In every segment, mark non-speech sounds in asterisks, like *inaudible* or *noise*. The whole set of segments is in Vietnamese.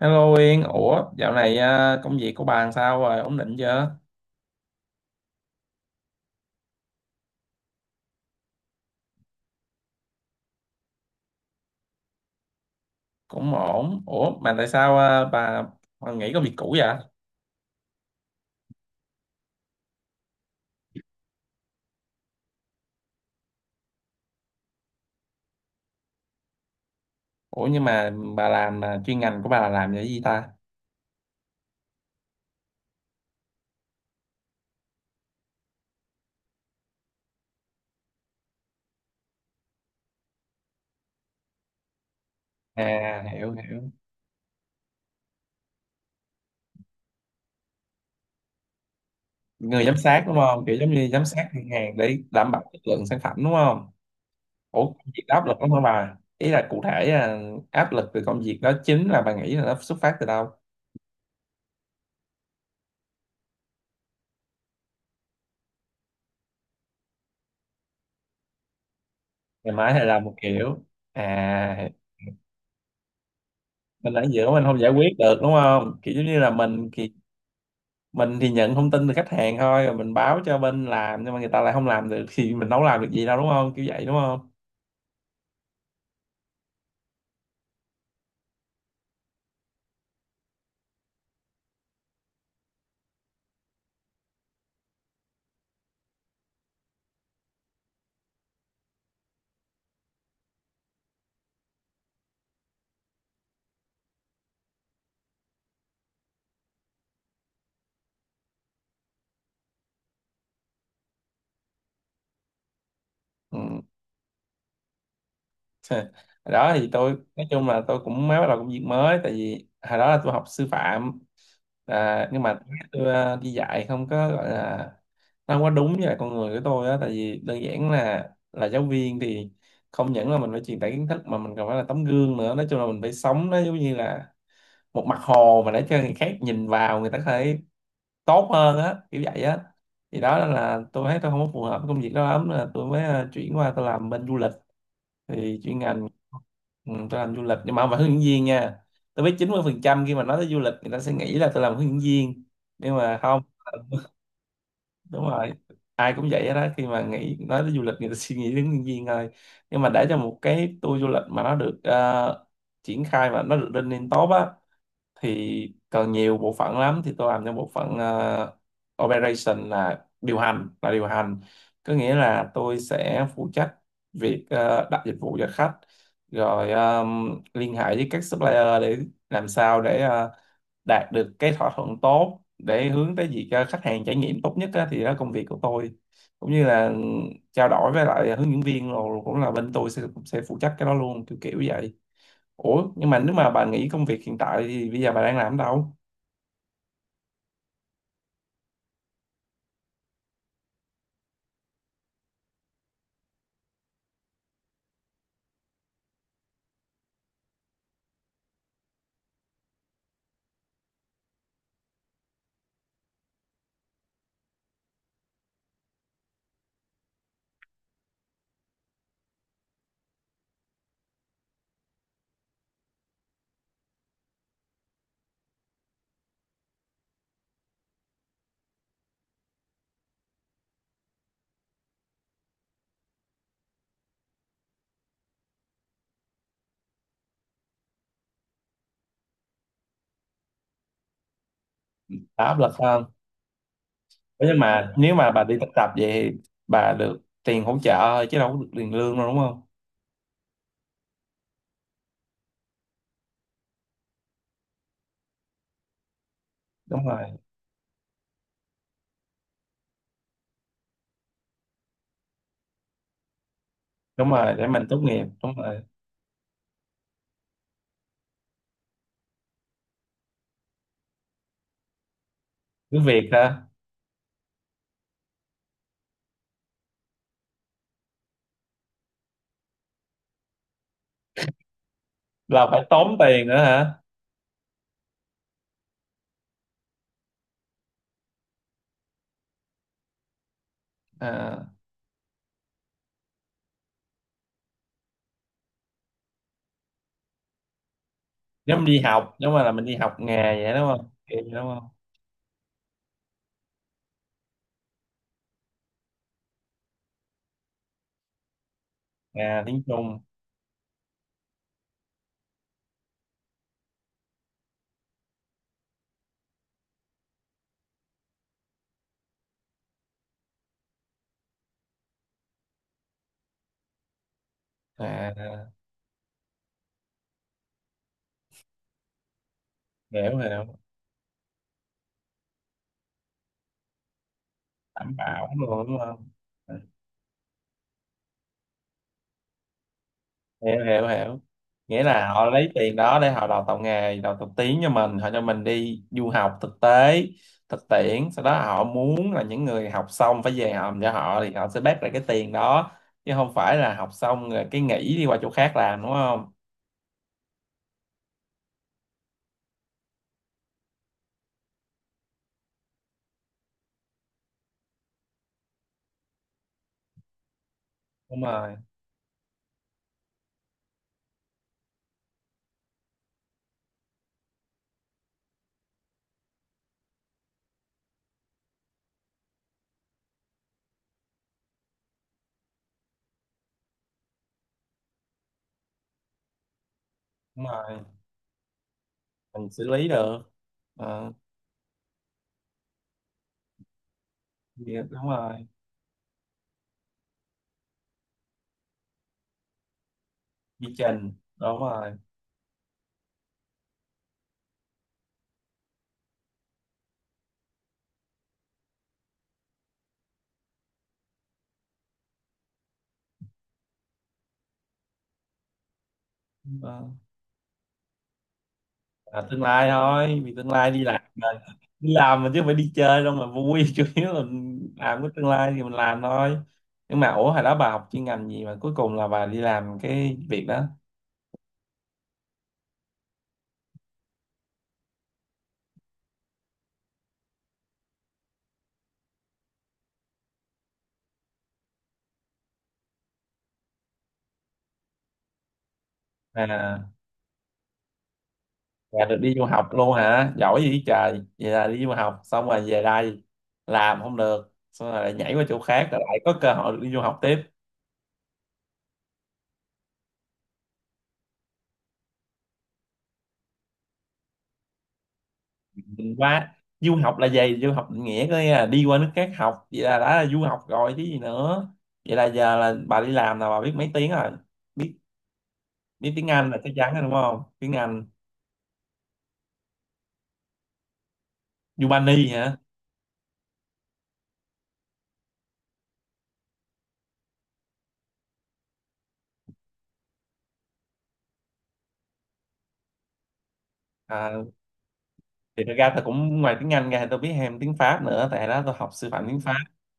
Hello Yên, dạo này công việc của bà làm sao rồi, ổn định chưa? Cũng ổn. Mà tại sao bà nghỉ công việc cũ vậy? Nhưng mà bà làm chuyên ngành của bà là làm về cái gì ta? À, hiểu hiểu, người giám sát đúng không? Kiểu giống như giám sát ngân hàng để đảm bảo chất lượng sản phẩm đúng không? Công việc đó áp lực lắm hả bà? Ý là cụ thể áp lực từ công việc đó chính là bà nghĩ là nó xuất phát từ đâu? Ngày mai hay làm một kiểu, à, mình ở giữa mình không giải quyết được đúng không? Kiểu giống như là mình thì nhận thông tin từ khách hàng thôi rồi mình báo cho bên làm, nhưng mà người ta lại không làm được thì mình đâu làm được gì đâu đúng không, kiểu vậy đúng không? Ừ. *laughs* Đó thì tôi nói chung là tôi cũng mới bắt đầu công việc mới, tại vì hồi đó là tôi học sư phạm. À, nhưng mà tôi đi dạy không có gọi là, nó không có đúng với lại con người của tôi á, tại vì đơn giản là giáo viên thì không những là mình phải truyền tải kiến thức mà mình còn phải là tấm gương nữa. Nói chung là mình phải sống nó giống như là một mặt hồ mà để cho người khác nhìn vào người ta có thể tốt hơn á, kiểu vậy á. Thì đó là tôi thấy tôi không có phù hợp với công việc đó lắm, là tôi mới chuyển qua tôi làm bên du lịch. Thì chuyên ngành ừ, tôi làm du lịch nhưng mà không phải hướng dẫn viên nha. Tôi biết 90 phần trăm khi mà nói tới du lịch người ta sẽ nghĩ là tôi làm hướng dẫn viên, nhưng mà không. *laughs* Đúng rồi, ai cũng vậy hết đó, khi mà nghĩ nói tới du lịch người ta suy nghĩ đến hướng dẫn viên thôi. Nhưng mà để cho một cái tour du lịch mà nó được triển khai mà nó được lên lên tốt á thì còn nhiều bộ phận lắm. Thì tôi làm cho bộ phận operation là điều hành, là điều hành. Có nghĩa là tôi sẽ phụ trách việc đặt dịch vụ cho khách, rồi liên hệ với các supplier để làm sao để đạt được cái thỏa thuận tốt, để hướng tới việc cho khách hàng trải nghiệm tốt nhất á, thì đó là công việc của tôi. Cũng như là trao đổi với lại hướng dẫn viên, rồi cũng là bên tôi sẽ cũng sẽ phụ trách cái đó luôn, kiểu kiểu vậy. Ủa nhưng mà nếu mà bà nghỉ công việc hiện tại thì bây giờ bà đang làm ở đâu? Bà áp lực hơn. Ủa, nhưng mà nếu mà bà đi thực tập vậy thì bà được tiền hỗ trợ thôi chứ đâu có được tiền lương đâu đúng không? Đúng rồi, đúng rồi, để mình tốt nghiệp, đúng rồi. Cứ việc ha, là phải tốn tiền nữa hả? À, nếu mình đi học, nếu mà là mình đi học nghề vậy đúng không? Kiểu vậy đúng không? Nghề tiếng Trung, à, hiểu hiểu, đảm bảo luôn đúng không? À, hiểu hiểu hiểu, nghĩa là họ lấy tiền đó để họ đào tạo nghề đào tạo tiếng cho mình, họ cho mình đi du học thực tế thực tiễn, sau đó họ muốn là những người học xong phải về hòm cho họ thì họ sẽ bác lại cái tiền đó, chứ không phải là học xong rồi cái nghỉ đi qua chỗ khác làm đúng không. Đúng rồi, đúng rồi, mình xử lý được. Ờ, vậy- đúng rồi, quy trình, đúng rồi. Ờ. À, tương lai thôi, vì tương lai đi làm mà, đi làm mà chứ không phải đi chơi đâu mà vui. *laughs* Chủ yếu là làm cái tương lai thì mình làm thôi. Nhưng mà ủa hồi đó bà học chuyên ngành gì mà cuối cùng là bà đi làm cái việc đó? À bà được đi du học luôn hả, giỏi gì trời. Vậy là đi du học xong rồi về đây làm không được, xong rồi lại nhảy qua chỗ khác rồi lại có cơ hội được đi du học tiếp qua. Du học là gì, du học định nghĩa có nghĩa là đi qua nước khác học, vậy là đã là du học rồi chứ gì nữa. Vậy là giờ là bà đi làm là bà biết mấy tiếng rồi, biết, biết tiếng Anh là chắc chắn rồi đúng không, tiếng Anh. Yubani hả? À, thì thật ra tôi cũng ngoài tiếng Anh ra thì tôi biết thêm tiếng Pháp nữa, tại đó tôi học sư phạm tiếng Pháp.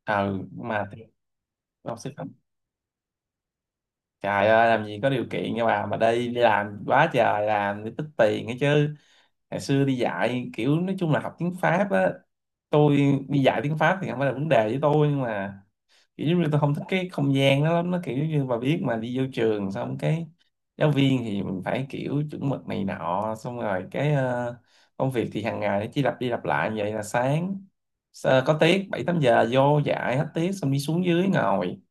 Ừ nhưng mà thì tôi học sư phạm. Trời ơi làm gì có điều kiện nha bà, mà đi đi làm quá trời làm để tích tiền ấy chứ. Ngày xưa đi dạy kiểu nói chung là học tiếng Pháp á, tôi đi dạy tiếng Pháp thì không phải là vấn đề với tôi, nhưng mà kiểu giống như tôi không thích cái không gian đó lắm. Nó kiểu như bà biết mà, đi vô trường xong cái giáo viên thì mình phải kiểu chuẩn mực này nọ, xong rồi cái công việc thì hàng ngày nó chỉ lặp đi lặp lại, như vậy là sáng có tiết bảy tám giờ vô dạy hết tiết xong đi xuống dưới ngồi,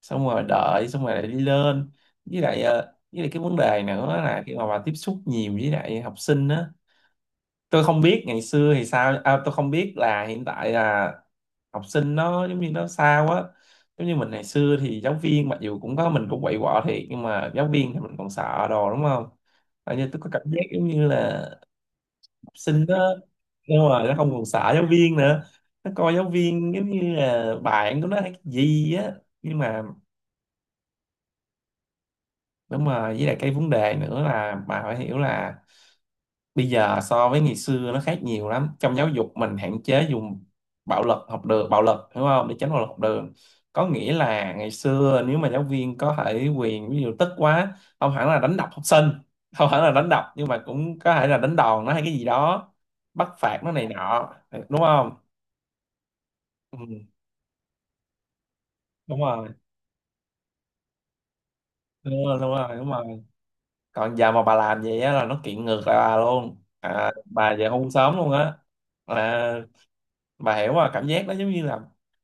xong rồi đợi xong rồi lại đi lên. Với lại với lại cái vấn đề nữa là khi mà bà tiếp xúc nhiều với lại học sinh á, tôi không biết ngày xưa thì sao, tôi không biết là hiện tại là học sinh nó giống như nó sao á. Giống như mình ngày xưa thì giáo viên, mặc dù cũng có mình cũng quậy quọ thiệt, nhưng mà giáo viên thì mình còn sợ đồ đúng không. Ở như tôi có cảm giác giống như là học sinh đó, nhưng mà nó không còn sợ giáo viên nữa, nó coi giáo viên giống như là bạn của nó hay cái gì á. Nhưng mà đúng rồi, với lại cái vấn đề nữa là bà phải hiểu là bây giờ so với ngày xưa nó khác nhiều lắm. Trong giáo dục mình hạn chế dùng bạo lực học đường, bạo lực hiểu không, để tránh bạo lực học đường. Có nghĩa là ngày xưa nếu mà giáo viên có thể quyền ví dụ tức quá, không hẳn là đánh đập học sinh, không hẳn là đánh đập nhưng mà cũng có thể là đánh đòn nó hay cái gì đó, bắt phạt nó này nọ đúng không. Ừ, đúng rồi đúng rồi đúng rồi. Còn giờ mà bà làm vậy á là nó kiện ngược lại bà luôn, à, bà về hôn sớm luôn á. À, bà hiểu mà, cảm giác đó giống như là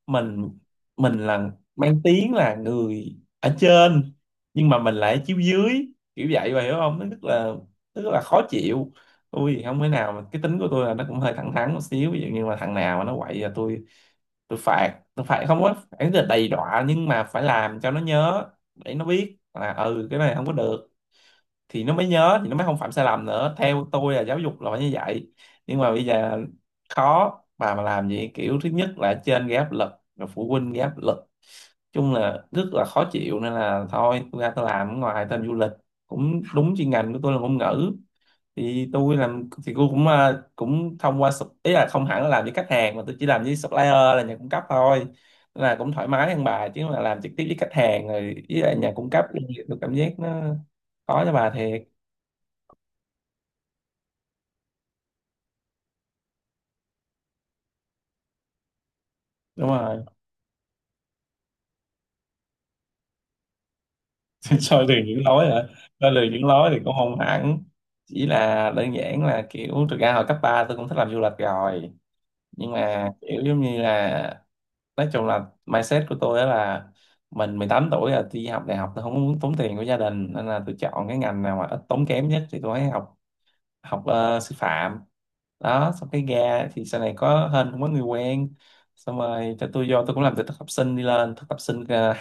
mình mình là mang tiếng là người ở trên nhưng mà mình lại ở chiếu dưới, kiểu vậy bà hiểu không, nó rất là, rất là khó chịu. Tôi thì không thể nào mà, cái tính của tôi là nó cũng hơi thẳng thắn một xíu, ví dụ như mà thằng nào mà nó quậy là tôi phạt. Tôi phạt không có phải là đầy đọa nhưng mà phải làm cho nó nhớ, để nó biết là ừ cái này không có được, thì nó mới nhớ thì nó mới không phạm sai lầm nữa. Theo tôi là giáo dục là phải như vậy, nhưng mà bây giờ khó. Bà mà làm gì kiểu, thứ nhất là trên gây áp lực, rồi phụ huynh gây áp lực, chung là rất là khó chịu, nên là thôi tôi ra tôi làm ở ngoài tên du lịch, cũng đúng chuyên ngành của tôi là ngôn ngữ. Thì tôi làm thì tôi cũng cũng thông qua sup- ý là không hẳn là làm với khách hàng, mà tôi chỉ làm với supplier là nhà cung cấp thôi. Nên là cũng thoải mái hơn, bà chứ mà làm trực tiếp với khách hàng rồi với lại nhà cung cấp thì tôi cảm giác nó khó cho bà thiệt. Đúng rồi. *laughs* Soi từ những lối hả? Soi từ những lối thì cũng không hẳn, chỉ là đơn giản là kiểu thực ra hồi cấp 3 tôi cũng thích làm du lịch rồi, nhưng mà kiểu giống như là nói chung là mindset của tôi đó là mình 18 tuổi là tôi đi học đại học, tôi không muốn tốn tiền của gia đình nên là tôi chọn cái ngành nào mà ít tốn kém nhất thì tôi mới học, học sư phạm đó. Xong cái ra thì sau này có hên cũng có người quen xong rồi cho tôi vô, tôi cũng làm từ thực tập sinh đi lên. Thực tập sinh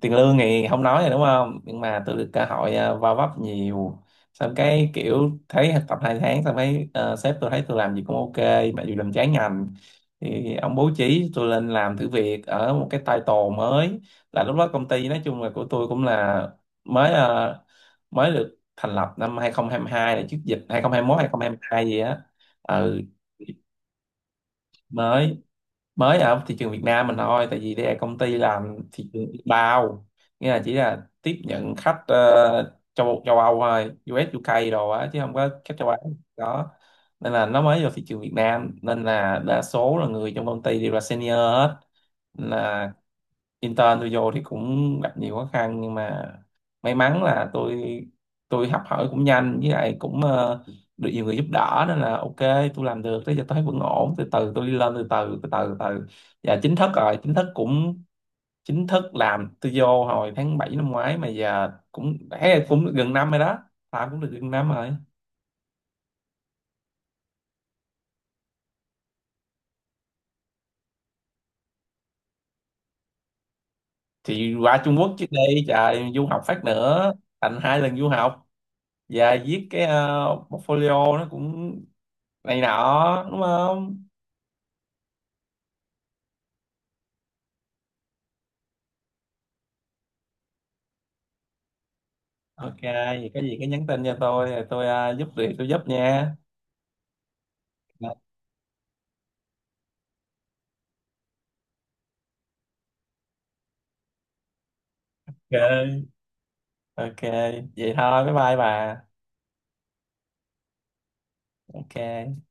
tiền lương thì không nói rồi đúng không, nhưng mà tôi được cơ hội va vấp nhiều. Xong cái kiểu thấy thực tập hai tháng xong cái sếp tôi thấy tôi làm gì cũng ok, mặc dù làm trái ngành, thì ông bố trí tôi lên làm thử việc ở một cái title mới. Là lúc đó công ty nói chung là của tôi cũng là mới, mới được thành lập năm 2022, là trước dịch 2021 2022 gì á. Ừ, mới, mới ở thị trường Việt Nam mình thôi, tại vì đây là công ty làm thị trường bao, nghĩa là chỉ là tiếp nhận khách ờ, châu châu Âu thôi, US UK đồ á, chứ không có khách châu Á đó. Nên là nó mới vào thị trường Việt Nam, nên là đa số là người trong công ty đều là senior hết. Là intern tôi vô thì cũng gặp nhiều khó khăn, nhưng mà may mắn là tôi học hỏi cũng nhanh, với lại cũng được nhiều người giúp đỡ nên là ok. Tôi làm được tới giờ tôi thấy vẫn ổn, từ từ tôi đi lên từ từ từ từ từ, và chính thức rồi, chính thức cũng, chính thức làm tôi vô hồi tháng 7 năm ngoái, mà giờ cũng thấy cũng được gần năm rồi đó, làm cũng được gần năm rồi. Thì qua Trung Quốc trước đây trời, du học phát nữa thành hai lần du học, và viết cái portfolio nó cũng này nọ đúng không. Ok vậy có gì cứ nhắn tin cho tôi rồi tôi giúp việc tôi giúp nha. Ok, ok, vậy thôi bye bye bà. Ok.